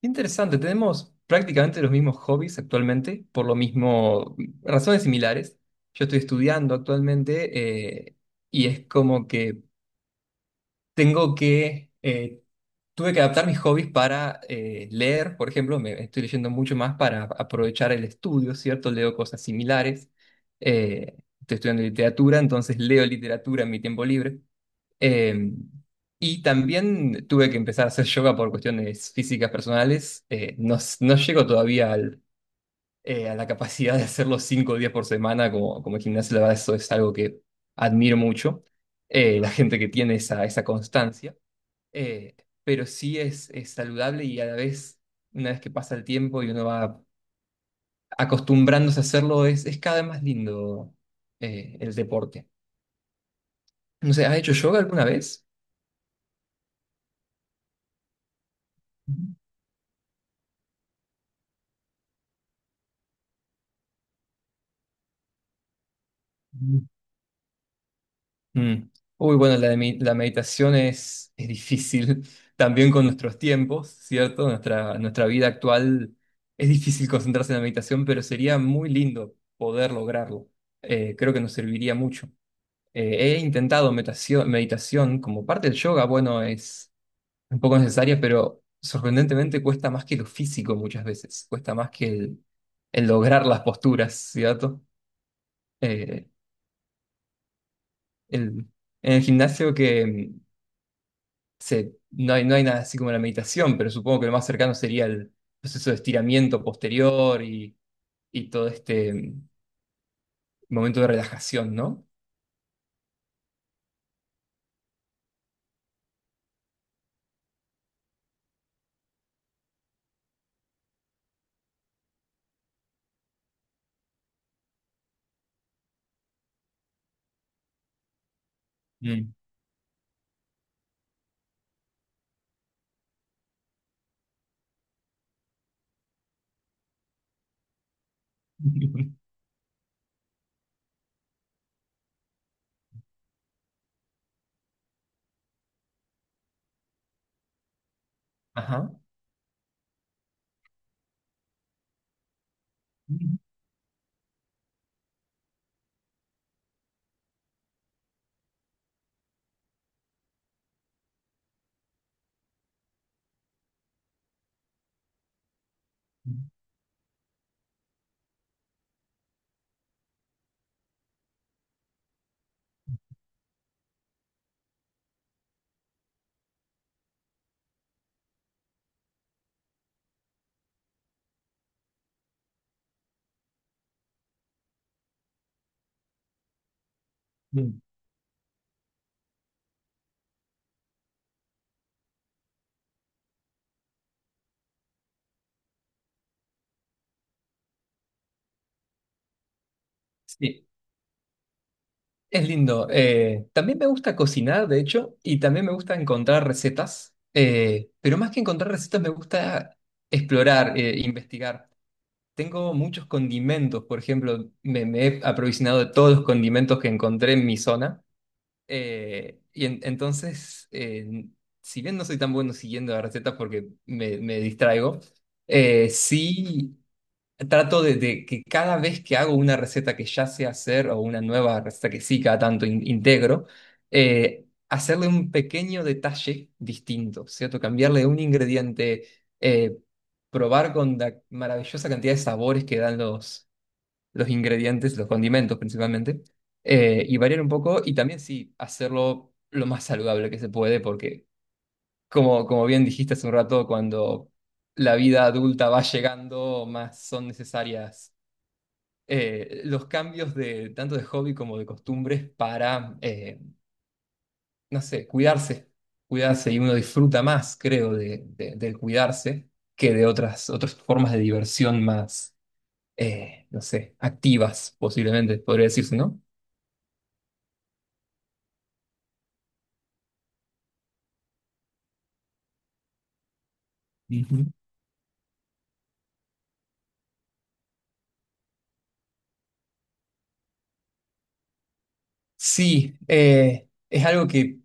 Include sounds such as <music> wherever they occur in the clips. Interesante, tenemos prácticamente los mismos hobbies actualmente, por lo mismo, razones similares. Yo estoy estudiando actualmente, y es como que tengo que tuve que adaptar mis hobbies para leer, por ejemplo, me estoy leyendo mucho más para aprovechar el estudio, ¿cierto? Leo cosas similares. Eh, Estoy estudiando literatura, entonces leo literatura en mi tiempo libre. Eh, y también tuve que empezar a hacer yoga por cuestiones físicas personales. No, no llego todavía a la capacidad de hacerlo 5 días por semana como, como el gimnasio. La verdad, eso es algo que admiro mucho. La gente que tiene esa constancia. Eh, pero sí es saludable y a la vez, una vez que pasa el tiempo y uno va acostumbrándose a hacerlo, es cada vez más lindo el deporte. No sé, ¿has hecho yoga alguna vez? Mm. Uy, bueno, la meditación es difícil <laughs> también con nuestros tiempos, ¿cierto? Nuestra vida actual es difícil concentrarse en la meditación, pero sería muy lindo poder lograrlo. Creo que nos serviría mucho. He intentado meditación, meditación como parte del yoga, bueno, es un poco necesaria, pero sorprendentemente cuesta más que lo físico muchas veces, cuesta más que el lograr las posturas, ¿cierto? Eh, el, en el gimnasio que... se, no hay nada así como la meditación, pero supongo que lo más cercano sería el proceso de estiramiento posterior y todo este momento de relajación, ¿no? Mm. <laughs> Ajá. Mm. Sí, es lindo. También me gusta cocinar, de hecho, y también me gusta encontrar recetas, pero más que encontrar recetas me gusta explorar, investigar. Tengo muchos condimentos, por ejemplo, me he aprovisionado de todos los condimentos que encontré en mi zona. Entonces, si bien no soy tan bueno siguiendo las recetas porque me distraigo, sí trato de que cada vez que hago una receta que ya sé hacer o una nueva receta que sí cada tanto integro, hacerle un pequeño detalle distinto, ¿cierto? Cambiarle un ingrediente, eh, probar con la maravillosa cantidad de sabores que dan los ingredientes, los condimentos principalmente, y variar un poco y también sí hacerlo lo más saludable que se puede, porque como, como bien dijiste hace un rato, cuando la vida adulta va llegando, más son necesarias los cambios de tanto de hobby como de costumbres para, no sé, cuidarse, cuidarse y uno disfruta más, creo, del cuidarse que de otras, otras formas de diversión más, no sé, activas posiblemente, podría decirse, ¿no? Ujú. Sí, es algo que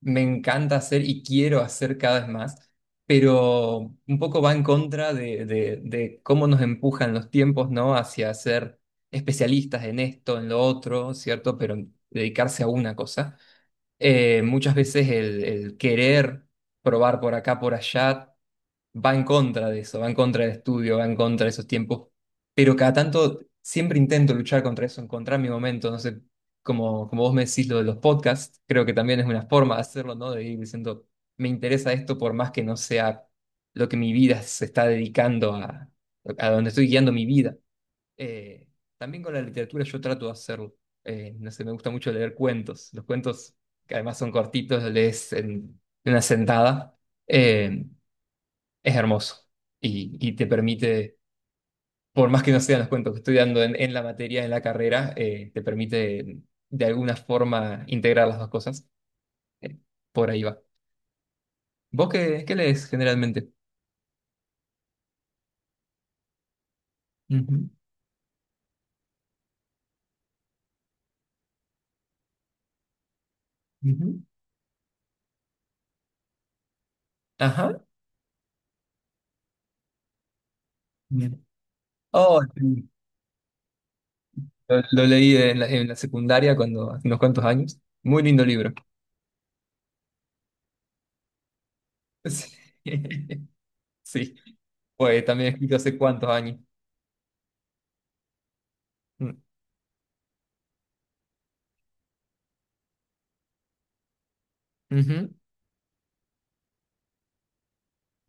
me encanta hacer y quiero hacer cada vez más, pero un poco va en contra de cómo nos empujan los tiempos, ¿no? Hacia ser especialistas en esto, en lo otro, ¿cierto? Pero dedicarse a una cosa. Muchas veces el querer probar por acá, por allá, va en contra de eso, va en contra del estudio, va en contra de esos tiempos, pero cada tanto siempre intento luchar contra eso, encontrar mi momento, no sé, como, como vos me decís lo de los podcasts, creo que también es una forma de hacerlo, ¿no? De ir diciendo, me interesa esto por más que no sea lo que mi vida se está dedicando a donde estoy guiando mi vida. Eh, También con la literatura yo trato de hacerlo. No sé, me gusta mucho leer cuentos. Los cuentos, que además son cortitos, los lees en una sentada. Eh, es hermoso y te permite, por más que no sean los cuentos que estoy dando en la materia, en la carrera, te permite de alguna forma integrar las dos cosas. Eh, por ahí va. ¿Vos qué, qué lees generalmente? Ujú, ujú. Ajá. Bien. Oh, sí. Lo leí en en la secundaria cuando, hace unos cuantos años. Muy lindo libro. <laughs> Sí. Sí. Pues también escrito hace cuántos años. Mm. Ujú,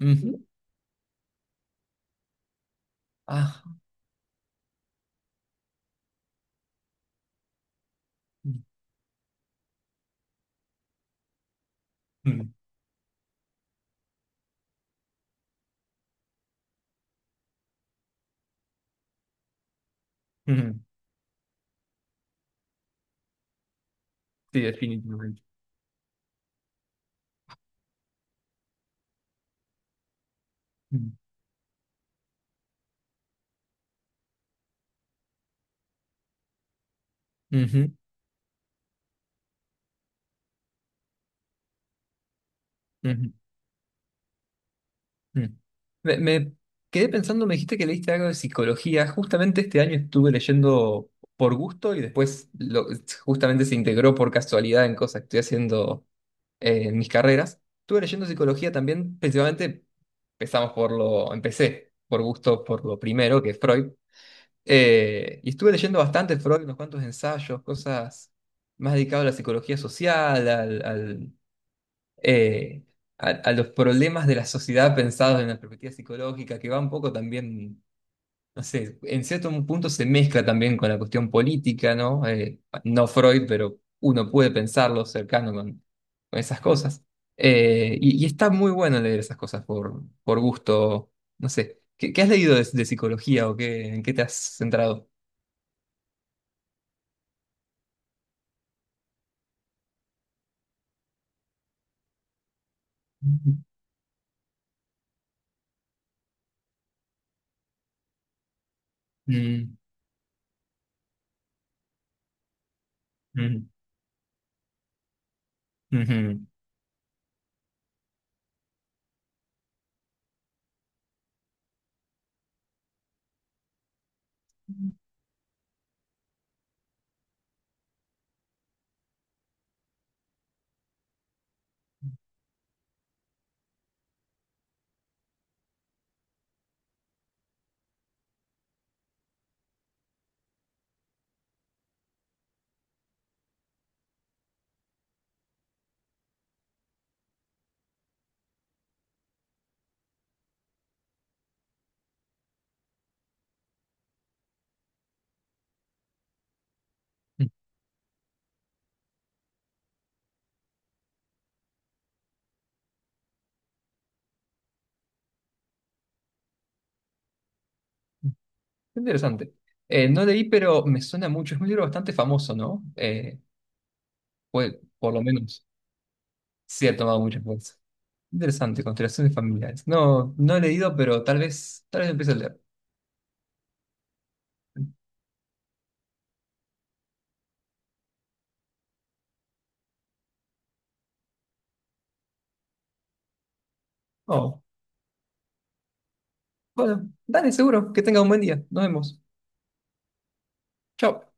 ujú. Ah. Mm, mm. Sí, definitivamente. Mm. Ujú, ujú, mm. Me quedé pensando, me dijiste que leíste algo de psicología. Justamente este año estuve leyendo por gusto y después justamente se integró por casualidad en cosas que estoy haciendo, en mis carreras. Estuve leyendo psicología también, principalmente empecé por gusto por lo primero, que es Freud. Y estuve leyendo bastante Freud, unos cuantos ensayos, cosas más dedicadas a la psicología social, eh, a los problemas de la sociedad pensados en la perspectiva psicológica, que va un poco también, no sé, en cierto punto se mezcla también con la cuestión política, ¿no? No Freud, pero uno puede pensarlo cercano con esas cosas. Y está muy bueno leer esas cosas por gusto, no sé. ¿Qué, qué has leído de psicología o qué, en qué te has centrado? Ujú. Mm, mm, ujú. Interesante. No leí, pero me suena mucho. Es un libro bastante famoso, ¿no? Por lo menos, sí ha tomado mucha fuerza. Interesante, constelaciones familiares. No, no he leído, pero tal vez empiece a leer. Oh, bueno, dale, seguro. Que tenga un buen día. Nos vemos. Chao.